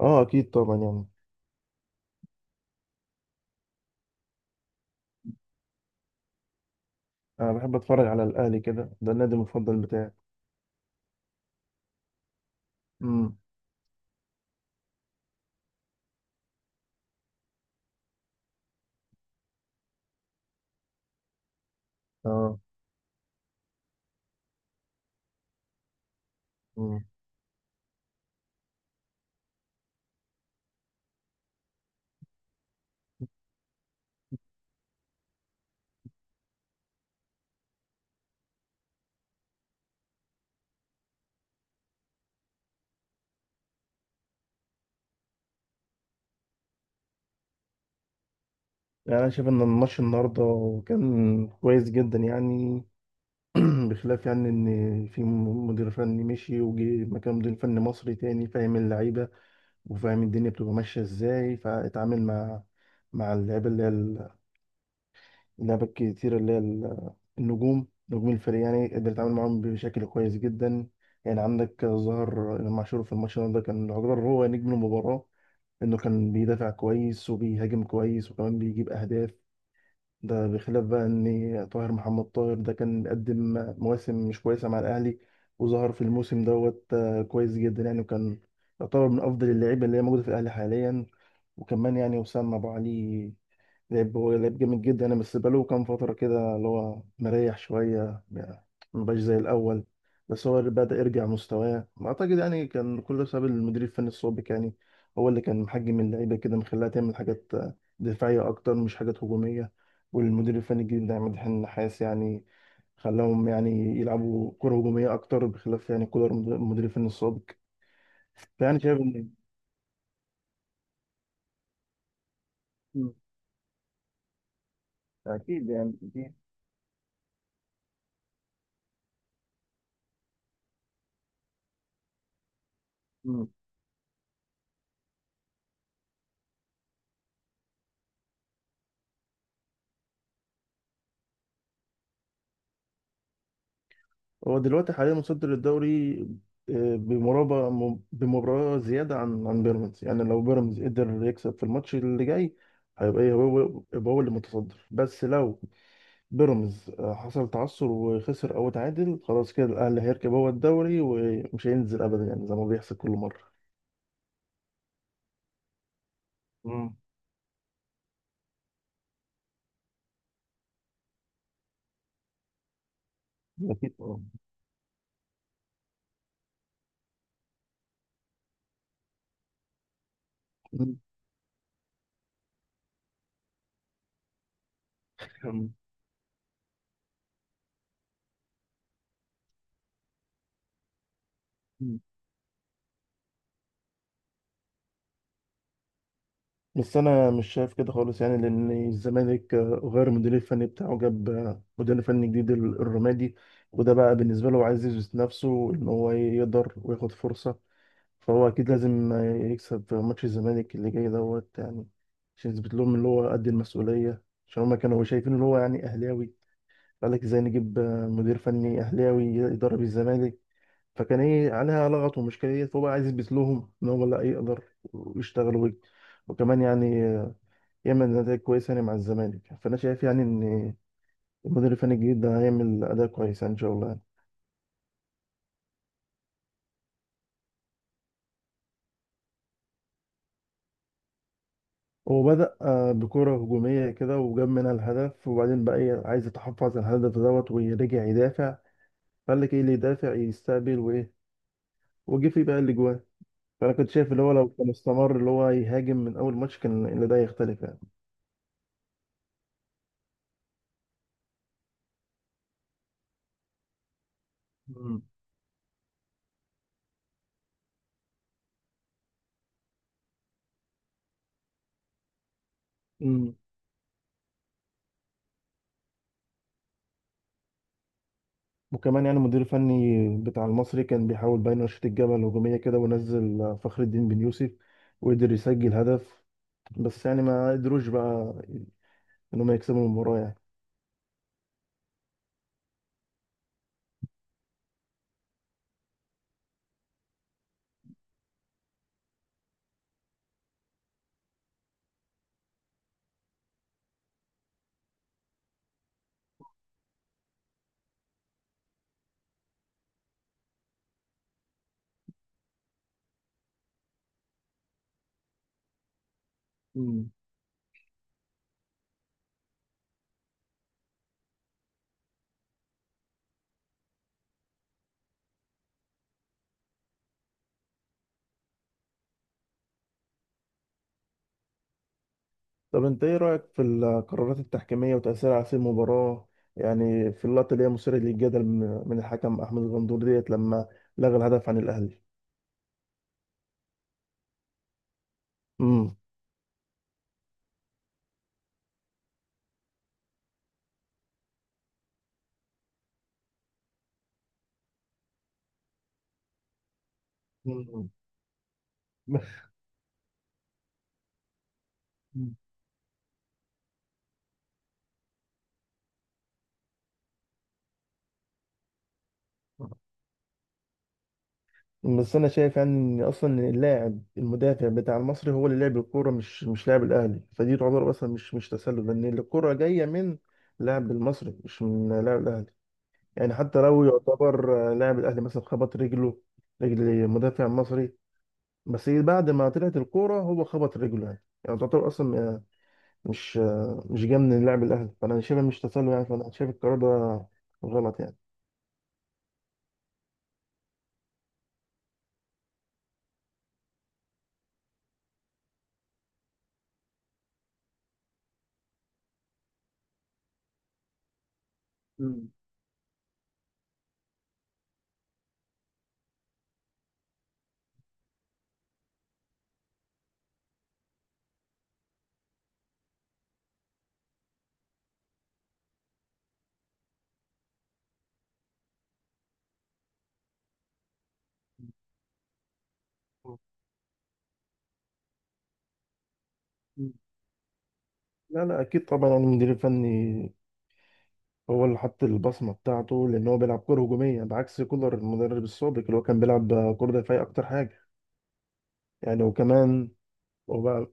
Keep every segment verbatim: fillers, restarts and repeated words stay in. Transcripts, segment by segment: اه اكيد طبعا يعني، انا بحب اتفرج على الاهلي كده، ده النادي المفضل بتاعي. امم. اه. امم. يعني انا شايف ان الماتش النهارده كان كويس جدا يعني. بخلاف يعني ان في م- مدير فني مشي وجه مكان مدير فني مصري تاني فاهم اللعيبه وفاهم الدنيا بتبقى ماشيه ازاي، فاتعامل مع مع اللعيبه اللي هي لعبة كتير، اللي هي ال- النجوم نجوم الفريق. يعني قدر يتعامل معاهم بشكل كويس جدا. يعني عندك ظهر إمام عاشور في الماتش ده كان يعتبر هو نجم المباراة، إنه كان بيدافع كويس وبيهاجم كويس وكمان بيجيب أهداف. ده بخلاف بقى إن طاهر محمد طاهر ده كان بيقدم مواسم مش كويسة مع الأهلي، وظهر في الموسم دوت آه، كويس جدا يعني، وكان يعتبر من أفضل اللعيبة اللي هي موجودة في الأهلي حاليا. وكمان يعني وسام أبو علي لعب، هو لعب جامد جدا. انا بس بقاله كام فتره كده اللي هو مريح شويه يعني، ما بقاش زي الاول. بس هو بدأ يرجع مستواه، اعتقد يعني كان كله بسبب المدير الفني السابق يعني، هو اللي كان محجم اللعيبه كده، مخليها تعمل حاجات دفاعيه اكتر مش حاجات هجوميه. والمدير الفني الجديد ده عماد النحاس، يعني خلاهم يعني يلعبوا كره هجوميه اكتر، بخلاف يعني كولر المدير الفني السابق. فيعني شايف ان أكيد يعني، أكيد. هو دلوقتي حاليا متصدر الدوري، آه، بمرابع بمباراة زيادة عن عن بيراميدز. يعني لو بيراميدز قدر يكسب في الماتش اللي جاي، هيبقى ايه، هو يبقى هو اللي متصدر. بس لو بيراميدز آه، حصل تعثر وخسر او اتعادل، خلاص كده الاهلي هيركب هو الدوري ومش هينزل ابدا، يعني زي ما بيحصل كل مرة. مم. أكيد آه. مم. مم. بس انا مش شايف كده خالص يعني، لان الزمالك آه، غير المدير الفني بتاعه، جاب آه، مدير فني جديد، ال- الرمادي. وده بقى بالنسبه له عايز يثبت نفسه ان هو يقدر وياخد فرصه، فهو اكيد لازم آه، يكسب في ماتش الزمالك اللي جاي دوت يعني، عشان يثبت لهم ان هو قد المسؤوليه. عشان هما كانوا شايفين ان هو يعني اهلاوي، قال لك ازاي نجيب آه، مدير فني اهلاوي يدرب الزمالك، فكان ايه عليها لغط ومشكلة. فهو بقى عايز يثبت لهم ان هو لا يقدر ويشتغل وي- وكمان يعني يعمل أداء كويس يعني مع الزمالك. فأنا شايف يعني إن المدير الفني الجديد ده هيعمل أداء كويس يعني إن شاء الله يعني. هو بدأ آه، بكرة هجومية كده وجاب منها الهدف، وبعدين بقى إيه، عايز يتحفظ على الهدف دوت ويرجع يدافع. فقال لك إيه اللي يدافع يستقبل وإيه، وجه فيه بقى الأجوان. فأنا كنت شايف اللي هو لو كان استمر اللي هو يهاجم من أول ماتش، كان اللي ده يختلف يعني. مم. مم. وكمان يعني المدير الفني بتاع المصري كان بيحاول بقى ينشط الجبهة الهجومية كده، ونزل آه، فخر الدين بن يوسف وقدر يسجل هدف، بس يعني ما قدروش بقى انهم يكسبوا المباراة يعني. مم. طب انت ايه رأيك في القرارات التحكيمية وتأثيرها على سير المباراة؟ يعني في اللقطة اللي هي مثيرة للجدل، من من الحكم احمد الغندور ديت لما لغى الهدف عن الاهلي. امم. مم. مم. بس انا شايف يعني ان اصلا اللاعب المدافع بتاع المصري هو اللي لعب الكوره، مش مش لاعب الاهلي، فدي تعتبر اصلا مش مش تسلل، لان الكوره جايه من لاعب المصري مش من لاعب الاهلي. يعني حتى لو يعتبر آه، لاعب الاهلي مثلا خبط رجله رجل مدافع مصري، بس بعد ما طلعت الكوره هو خبط رجله. يعني يعني تعتبر اصلا آه، مش آه، مش جاي من لاعب الاهلي، فانا شايفها مش تسلل يعني، فانا شايف القرار ده غلط يعني. مم. مم. لا لا، اكيد طبعا يعني المدير الفني هو اللي حط البصمه بتاعته، لان هو بيلعب كره هجوميه بعكس كولر المدرب السابق اللي هو كان بيلعب آه، كره دفاعيه اكتر حاجه يعني. وكمان هو بقى.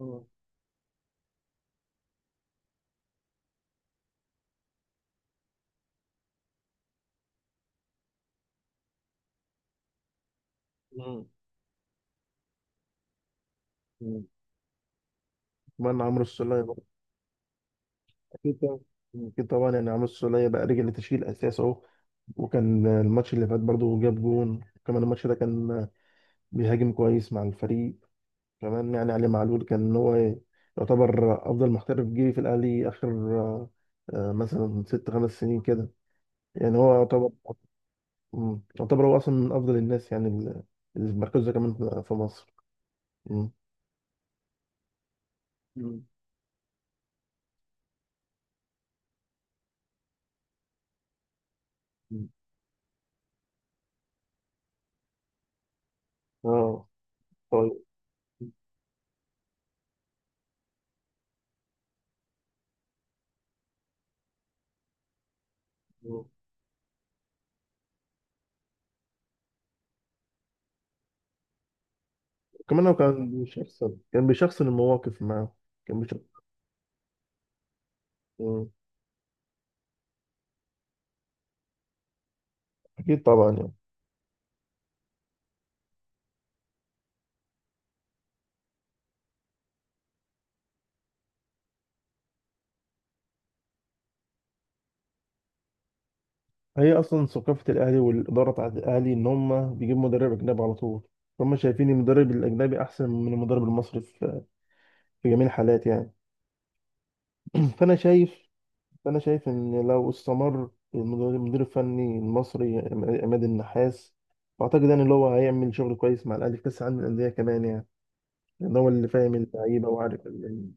آه. مم. مم. كمان عمرو السولية. أكيد طبعا. أكيد طبعا يعني عمرو السولية بقى رجع لتشكيل أساس أهو، وكان الماتش اللي فات برضه جاب جون، كمان الماتش ده كان بيهاجم كويس مع الفريق. كمان يعني علي معلول كان هو يعتبر أفضل محترف جه في الأهلي آخر آه، آه، مثلا ست خمس سنين كده يعني، هو يعتبر. مم. يعتبر هو أصلا من أفضل الناس يعني ال- اللي في مركزه كمان في في مصر. مم. مم. اه. طيب. كمان هو كان بيشخصن كان بيشخصن المواقف معاه. كان بيشخصن. اكيد طبعا يعني، هي اصلا ثقافه الاهلي والاداره بتاعت الاهلي ان هم بيجيبوا مدرب اجنبي على طول، هم شايفين المدرب الاجنبي احسن من المدرب المصري في في جميع الحالات يعني. فانا شايف فانا شايف ان لو استمر المدير المدير الفني المصري عم- عماد النحاس، واعتقد يعني اللي هو هيعمل شغل كويس مع الاهلي في كاس العالم للانديه كمان يعني، لان هو اللي فاهم اللعيبه وعارف ال-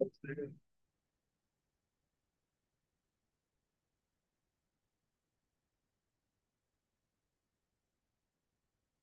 مم.